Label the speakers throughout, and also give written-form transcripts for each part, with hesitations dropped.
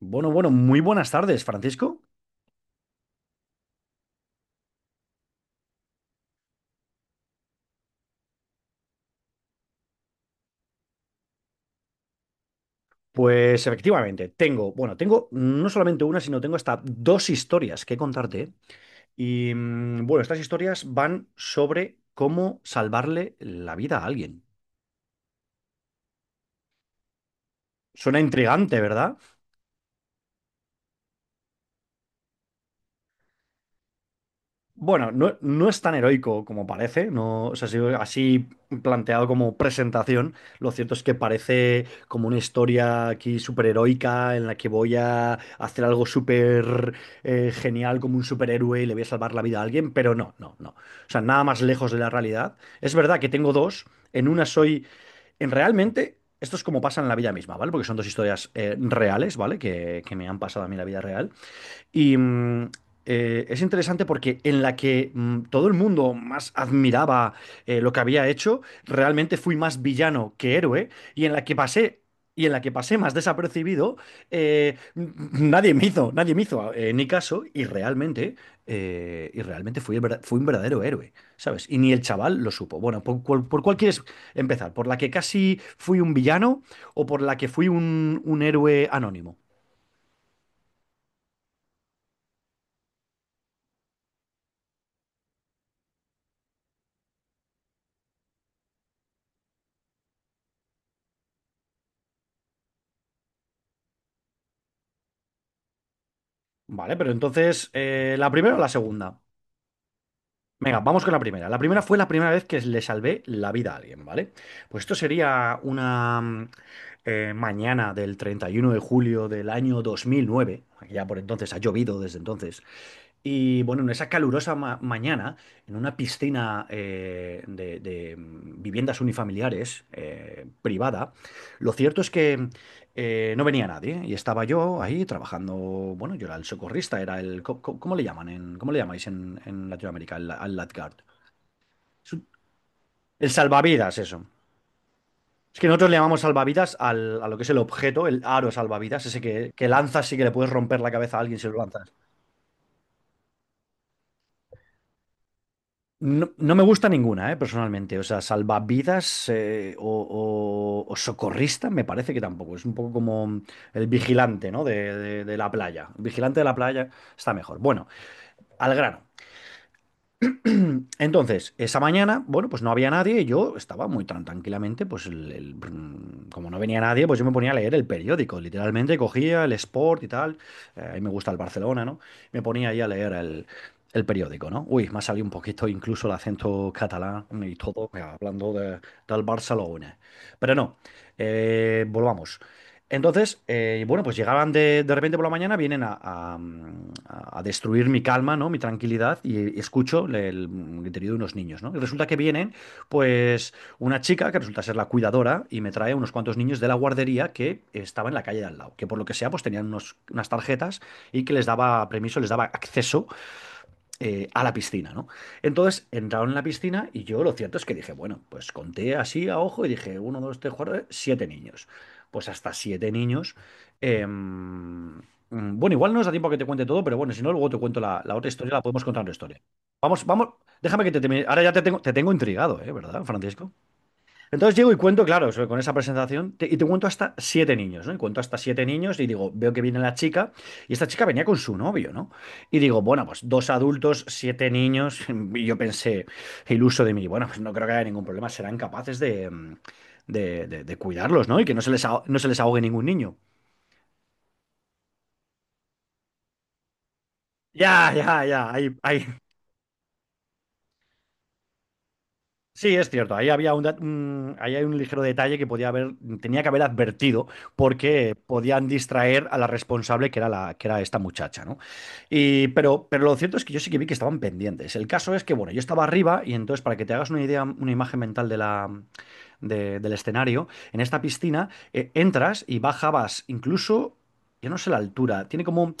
Speaker 1: Bueno, bueno, muy buenas tardes, Francisco. Pues efectivamente, bueno, tengo no solamente una, sino tengo hasta dos historias que contarte. ¿Eh? Y bueno, estas historias van sobre cómo salvarle la vida a alguien. Suena intrigante, ¿verdad? Bueno, no, no es tan heroico como parece, no, o sea, así planteado como presentación, lo cierto es que parece como una historia aquí súper heroica en la que voy a hacer algo súper genial como un superhéroe y le voy a salvar la vida a alguien, pero no, no, no. O sea, nada más lejos de la realidad. Es verdad que tengo dos, en una soy, en realmente, esto es como pasa en la vida misma, ¿vale? Porque son dos historias reales, ¿vale? Que me han pasado a mí en la vida real. Y es interesante porque en la que todo el mundo más admiraba lo que había hecho, realmente fui más villano que héroe, y en la que pasé. Y en la que pasé más desapercibido, nadie me hizo, ni caso, y realmente, fui, fui un verdadero héroe, ¿sabes? Y ni el chaval lo supo. Bueno, ¿por cuál quieres empezar? ¿Por la que casi fui un villano o por la que fui un héroe anónimo? Vale, pero entonces, ¿la primera o la segunda? Venga, vamos con la primera. La primera fue la primera vez que le salvé la vida a alguien, ¿vale? Pues esto sería una mañana del 31 de julio del año 2009. Ya por entonces ha llovido desde entonces. Y bueno, en esa calurosa mañana, en una piscina de viviendas unifamiliares privada, lo cierto es que no venía nadie y estaba yo ahí trabajando. Bueno, yo era el socorrista, era el. Co- co- ¿Cómo le llamáis en Latinoamérica? Al lifeguard. Es un- El salvavidas, eso. Es que nosotros le llamamos salvavidas a lo que es el objeto, el aro salvavidas, ese que lanzas y que le puedes romper la cabeza a alguien si lo lanzas. No, no me gusta ninguna, personalmente. O sea, salvavidas o socorrista me parece que tampoco. Es un poco como el vigilante, ¿no? De la playa. El vigilante de la playa está mejor. Bueno, al grano. Entonces, esa mañana, bueno, pues no había nadie y yo estaba muy tan tranquilamente, pues como no venía nadie, pues yo me ponía a leer el periódico, literalmente cogía el Sport y tal, a mí me gusta el Barcelona, ¿no? Me ponía ahí a leer el periódico, ¿no? Uy, me ha salido un poquito incluso el acento catalán y todo, hablando del Barcelona. Pero no, volvamos. Entonces, bueno, pues llegaban de repente por la mañana, vienen a destruir mi calma, ¿no? Mi tranquilidad y escucho el griterío de unos niños, ¿no? Y resulta que vienen, pues, una chica que resulta ser la cuidadora y me trae unos cuantos niños de la guardería que estaba en la calle de al lado, que por lo que sea, pues tenían unas tarjetas y que les daba permiso, les daba acceso a la piscina, ¿no? Entonces entraron en la piscina y yo lo cierto es que dije, bueno, pues conté así a ojo y dije, uno, dos, tres, cuatro, siete niños. Pues hasta siete niños. em, bueno, igual no nos da tiempo a que te cuente todo, pero bueno, si no, luego te cuento la otra historia, la podemos contar otra historia. Vamos, vamos, déjame que te termine. Ahora ya te tengo intrigado, ¿eh? ¿Verdad, Francisco? Entonces llego y cuento, claro, con esa presentación, y te cuento hasta siete niños, ¿no? Y cuento hasta siete niños y digo, veo que viene la chica, y esta chica venía con su novio, ¿no? Y digo, bueno, pues dos adultos, siete niños, y yo pensé, iluso de mí, bueno, pues no creo que haya ningún problema, serán capaces de, de cuidarlos, ¿no? Y que no se les, aho- no se les ahogue ningún niño. Ya, ya, ya, ahí, ahí. Sí, es cierto. Ahí había ahí hay un ligero detalle que tenía que haber advertido, porque podían distraer a la responsable que era esta muchacha, ¿no? Pero lo cierto es que yo sí que vi que estaban pendientes. El caso es que, bueno, yo estaba arriba y entonces, para que te hagas una idea, una imagen mental del escenario, en esta piscina entras y bajabas incluso, yo no sé la altura, tiene como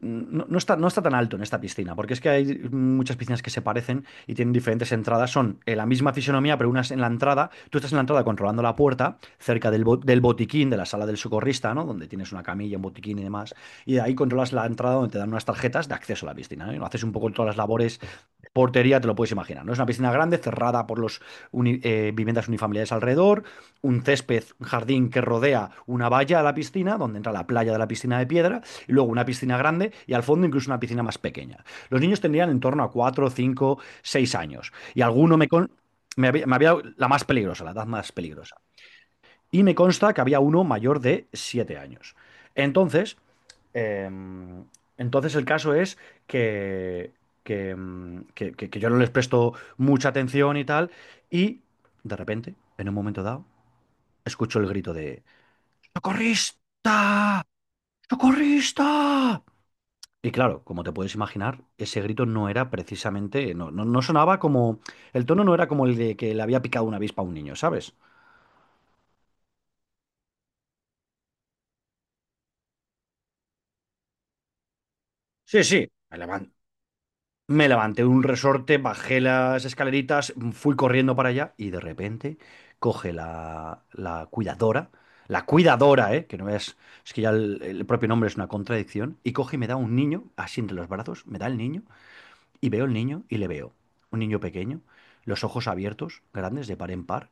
Speaker 1: no, no está tan alto en esta piscina, porque es que hay muchas piscinas que se parecen y tienen diferentes entradas. Son la misma fisonomía, pero unas en la entrada. Tú estás en la entrada controlando la puerta, cerca del botiquín, de la sala del socorrista, ¿no? Donde tienes una camilla, un botiquín y demás. Y de ahí controlas la entrada donde te dan unas tarjetas de acceso a la piscina, ¿no? Y haces un poco todas las labores de portería, te lo puedes imaginar, ¿no? Es una piscina grande, cerrada por los viviendas unifamiliares alrededor, un césped, un jardín que rodea una valla a la piscina, donde entra la playa de la piscina de piedra, y luego una piscina grande y al fondo incluso una piscina más pequeña. Los niños tendrían en torno a 4 5 6 años y alguno me, la más peligrosa, la edad más peligrosa. Y me consta que había uno mayor de 7 años. Entonces, em, el caso es que, que yo no les presto mucha atención y tal y de repente, en un momento dado, escucho el grito de ¡Socorrista! ¡Socorrista! Y claro, como te puedes imaginar, ese grito no era precisamente, no, no, no sonaba como, el tono no era como el de que le había picado una avispa a un niño, ¿sabes? Sí, sí, me levanté, de un resorte, bajé las escaleritas, fui corriendo para allá y de repente coge la cuidadora, ¿eh? Que no es, es que ya el propio nombre es una contradicción, y coge y me da un niño, así entre los brazos, me da el niño y veo el niño y le veo, un niño pequeño, los ojos abiertos, grandes, de par en par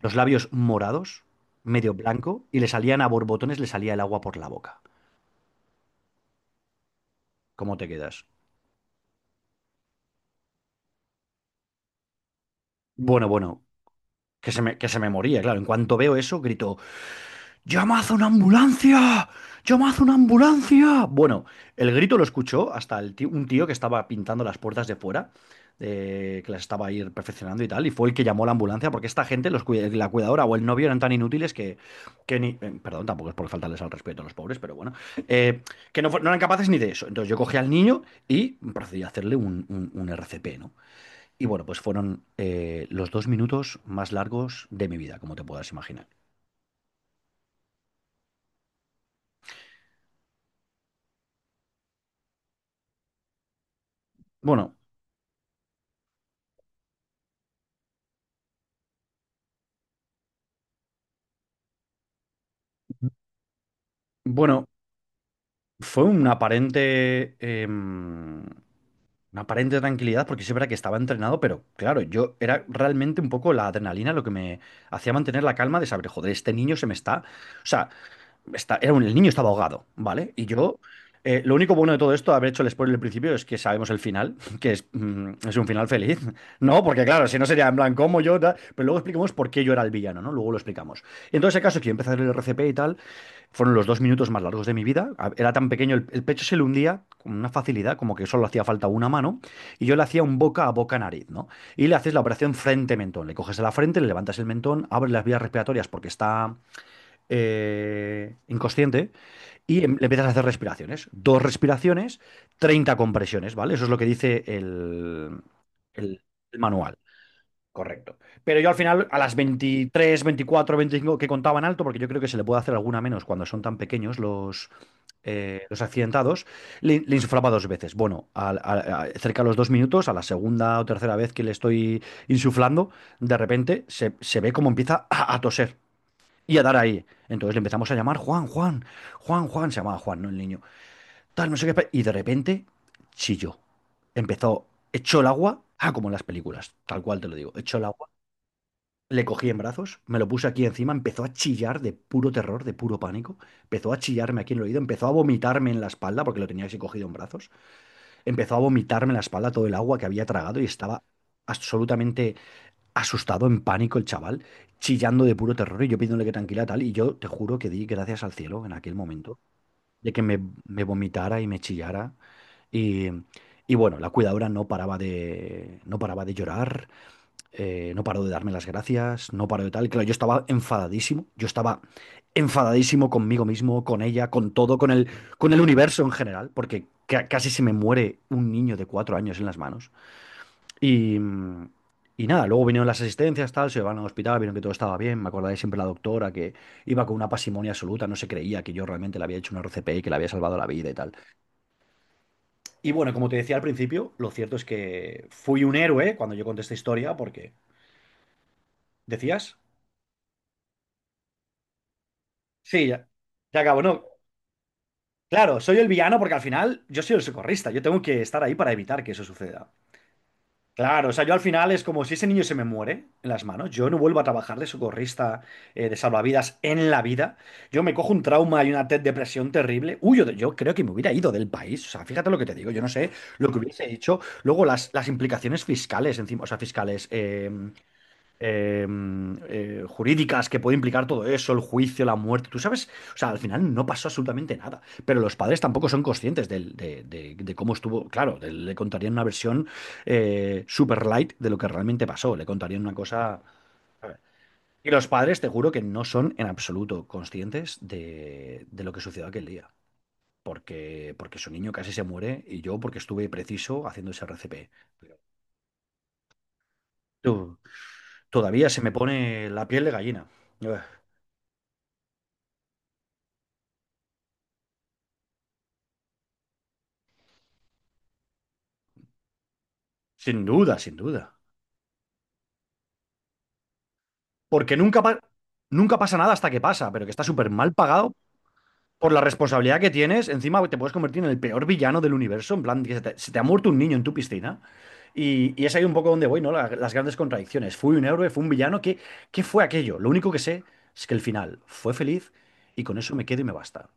Speaker 1: los labios morados, medio blanco, y le salían a borbotones, le salía el agua por la boca. ¿Cómo te quedas? Bueno, bueno, que se me moría, claro. En cuanto veo eso, grito, ¡Llamad a una ambulancia! ¡Llamad a una ambulancia! Bueno, el grito lo escuchó hasta un tío que estaba pintando las puertas de fuera, que las estaba ahí perfeccionando y tal, y fue el que llamó a la ambulancia, porque esta gente, la cuidadora o el novio eran tan inútiles que ni... perdón, tampoco es por faltarles al respeto a los pobres, pero bueno, eh, que no, no eran capaces ni de eso. Entonces yo cogí al niño y procedí a hacerle un RCP, ¿no? Y bueno, pues fueron los 2 minutos más largos de mi vida, como te puedas imaginar. Bueno. Bueno, fue una aparente, una aparente tranquilidad, porque sí es verdad que estaba entrenado, pero claro, yo era realmente un poco la adrenalina lo que me hacía mantener la calma de saber, joder, este niño se me está. O sea, el niño estaba ahogado, ¿vale? Y yo, lo único bueno de todo esto, haber hecho el spoiler al principio, es que sabemos el final, que es, es un final feliz, ¿no? Porque claro, si no sería en plan, ¿cómo yo? Tal? Pero luego explicamos por qué yo era el villano, ¿no? Luego lo explicamos. Entonces, el caso es que yo empecé a leer el RCP y tal, fueron los 2 minutos más largos de mi vida. Era tan pequeño, el pecho se le hundía con una facilidad, como que solo hacía falta una mano, y yo le hacía un boca a boca nariz, ¿no? Y le haces la operación frente-mentón. Le coges a la frente, le levantas el mentón, abres las vías respiratorias porque está inconsciente y le empiezas a hacer respiraciones. Dos respiraciones, 30 compresiones, ¿vale? Eso es lo que dice el- el manual. Correcto. Pero yo al final, a las 23, 24, 25 que contaban alto, porque yo creo que se le puede hacer alguna menos cuando son tan pequeños los accidentados, le insuflaba dos veces. Bueno, cerca de los 2 minutos, a la segunda o tercera vez que le estoy insuflando, de repente se ve cómo empieza a toser y a dar ahí. Entonces le empezamos a llamar Juan, Juan, Juan, Juan, se llamaba Juan, ¿no? El niño. Tal, no sé qué. Y de repente chilló. Empezó, echó el agua, ah, como en las películas, tal cual te lo digo, echó el agua. Le cogí en brazos, me lo puse aquí encima, empezó a chillar de puro terror, de puro pánico. Empezó a chillarme aquí en el oído, empezó a vomitarme en la espalda, porque lo tenía así cogido en brazos. Empezó a vomitarme en la espalda todo el agua que había tragado y estaba absolutamente asustado, en pánico el chaval, chillando de puro terror y yo pidiéndole que tranquila tal. Y yo te juro que di gracias al cielo en aquel momento de me vomitara y me chillara. Y, y bueno, la cuidadora no paraba de llorar, no paró de darme las gracias, no paró de tal. Claro, yo estaba enfadadísimo conmigo mismo, con ella, con todo, con el universo en general, porque casi se me muere un niño de 4 años en las manos. Y, mm, y nada, luego vinieron las asistencias, tal, se llevaron al hospital, vieron que todo estaba bien. Me acordaré siempre de la doctora que iba con una pasimonia absoluta, no se creía que yo realmente le había hecho una RCP y que le había salvado la vida y tal. Y bueno, como te decía al principio, lo cierto es que fui un héroe cuando yo conté esta historia, porque. ¿Decías? Sí, ya, ya acabo, no. Claro, soy el villano porque al final yo soy el socorrista, yo tengo que estar ahí para evitar que eso suceda. Claro, o sea, yo al final es como si ese niño se me muere en las manos, yo no vuelvo a trabajar de socorrista, de salvavidas en la vida, yo me cojo un trauma y una depresión terrible, yo creo que me hubiera ido del país, o sea, fíjate lo que te digo, yo no sé lo que hubiese hecho, luego las implicaciones fiscales encima, o sea, eh, jurídicas que puede implicar todo eso, el juicio, la muerte, tú sabes, o sea, al final no pasó absolutamente nada, pero los padres tampoco son conscientes de cómo estuvo, claro, le contarían una versión super light de lo que realmente pasó, le contarían una cosa. Y los padres, te juro que no son en absoluto conscientes de lo que sucedió aquel día. Porque, porque su niño casi se muere y yo porque estuve preciso haciendo ese RCP. Tú, todavía se me pone la piel de gallina. Sin duda, sin duda. Porque nunca pasa nada hasta que pasa, pero que está súper mal pagado por la responsabilidad que tienes. Encima te puedes convertir en el peor villano del universo, en plan, que se se te ha muerto un niño en tu piscina. Y es ahí un poco donde voy, ¿no? Las grandes contradicciones. Fui un héroe, fui un villano. ¿Qué, qué fue aquello? Lo único que sé es que el final fue feliz y con eso me quedo y me basta.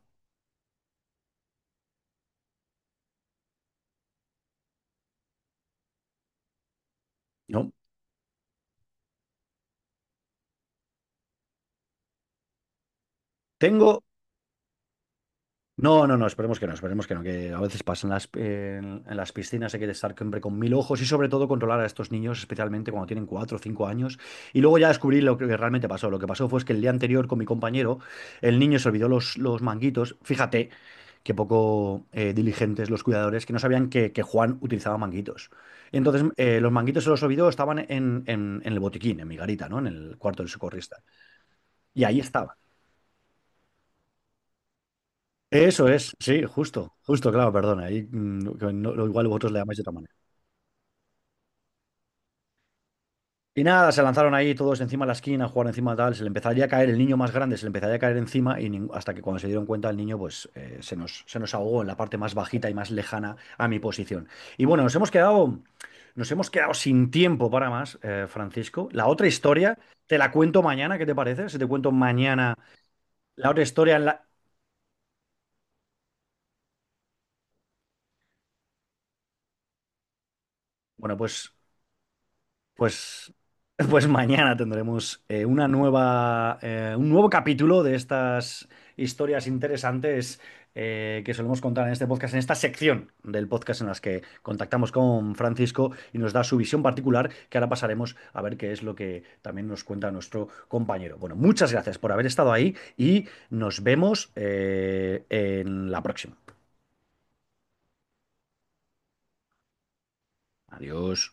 Speaker 1: ¿No? Tengo. No, no, no, esperemos que no, esperemos que no, que a veces pasan en las piscinas, hay que estar siempre con mil ojos y sobre todo controlar a estos niños, especialmente cuando tienen 4 o 5 años. Y luego ya descubrí lo que realmente pasó. Lo que pasó fue es que el día anterior con mi compañero, el niño se olvidó los manguitos. Fíjate qué poco diligentes los cuidadores que no sabían que Juan utilizaba manguitos. Y entonces los manguitos se los olvidó, estaban en el botiquín, en mi garita, ¿no? En el cuarto del socorrista. Y ahí estaban. Eso es, sí, justo, justo, claro, perdona. Ahí, mm, que no- igual vosotros le llamáis de otra manera. Y nada, se lanzaron ahí todos encima de la esquina, a jugar encima tal, se le empezaría a caer, el niño más grande se le empezaría a caer encima y hasta que cuando se dieron cuenta el niño pues se nos ahogó en la parte más bajita y más lejana a mi posición. Y bueno, nos hemos quedado sin tiempo para más, Francisco. La otra historia, te la cuento mañana, ¿qué te parece? Si te cuento mañana la otra historia en la... Bueno, pues... Pues, pues mañana tendremos un nuevo capítulo de estas historias interesantes que solemos contar en este podcast, en esta sección del podcast en las que contactamos con Francisco y nos da su visión particular, que ahora pasaremos a ver qué es lo que también nos cuenta nuestro compañero. Bueno, muchas gracias por haber estado ahí y nos vemos en la próxima. Adiós.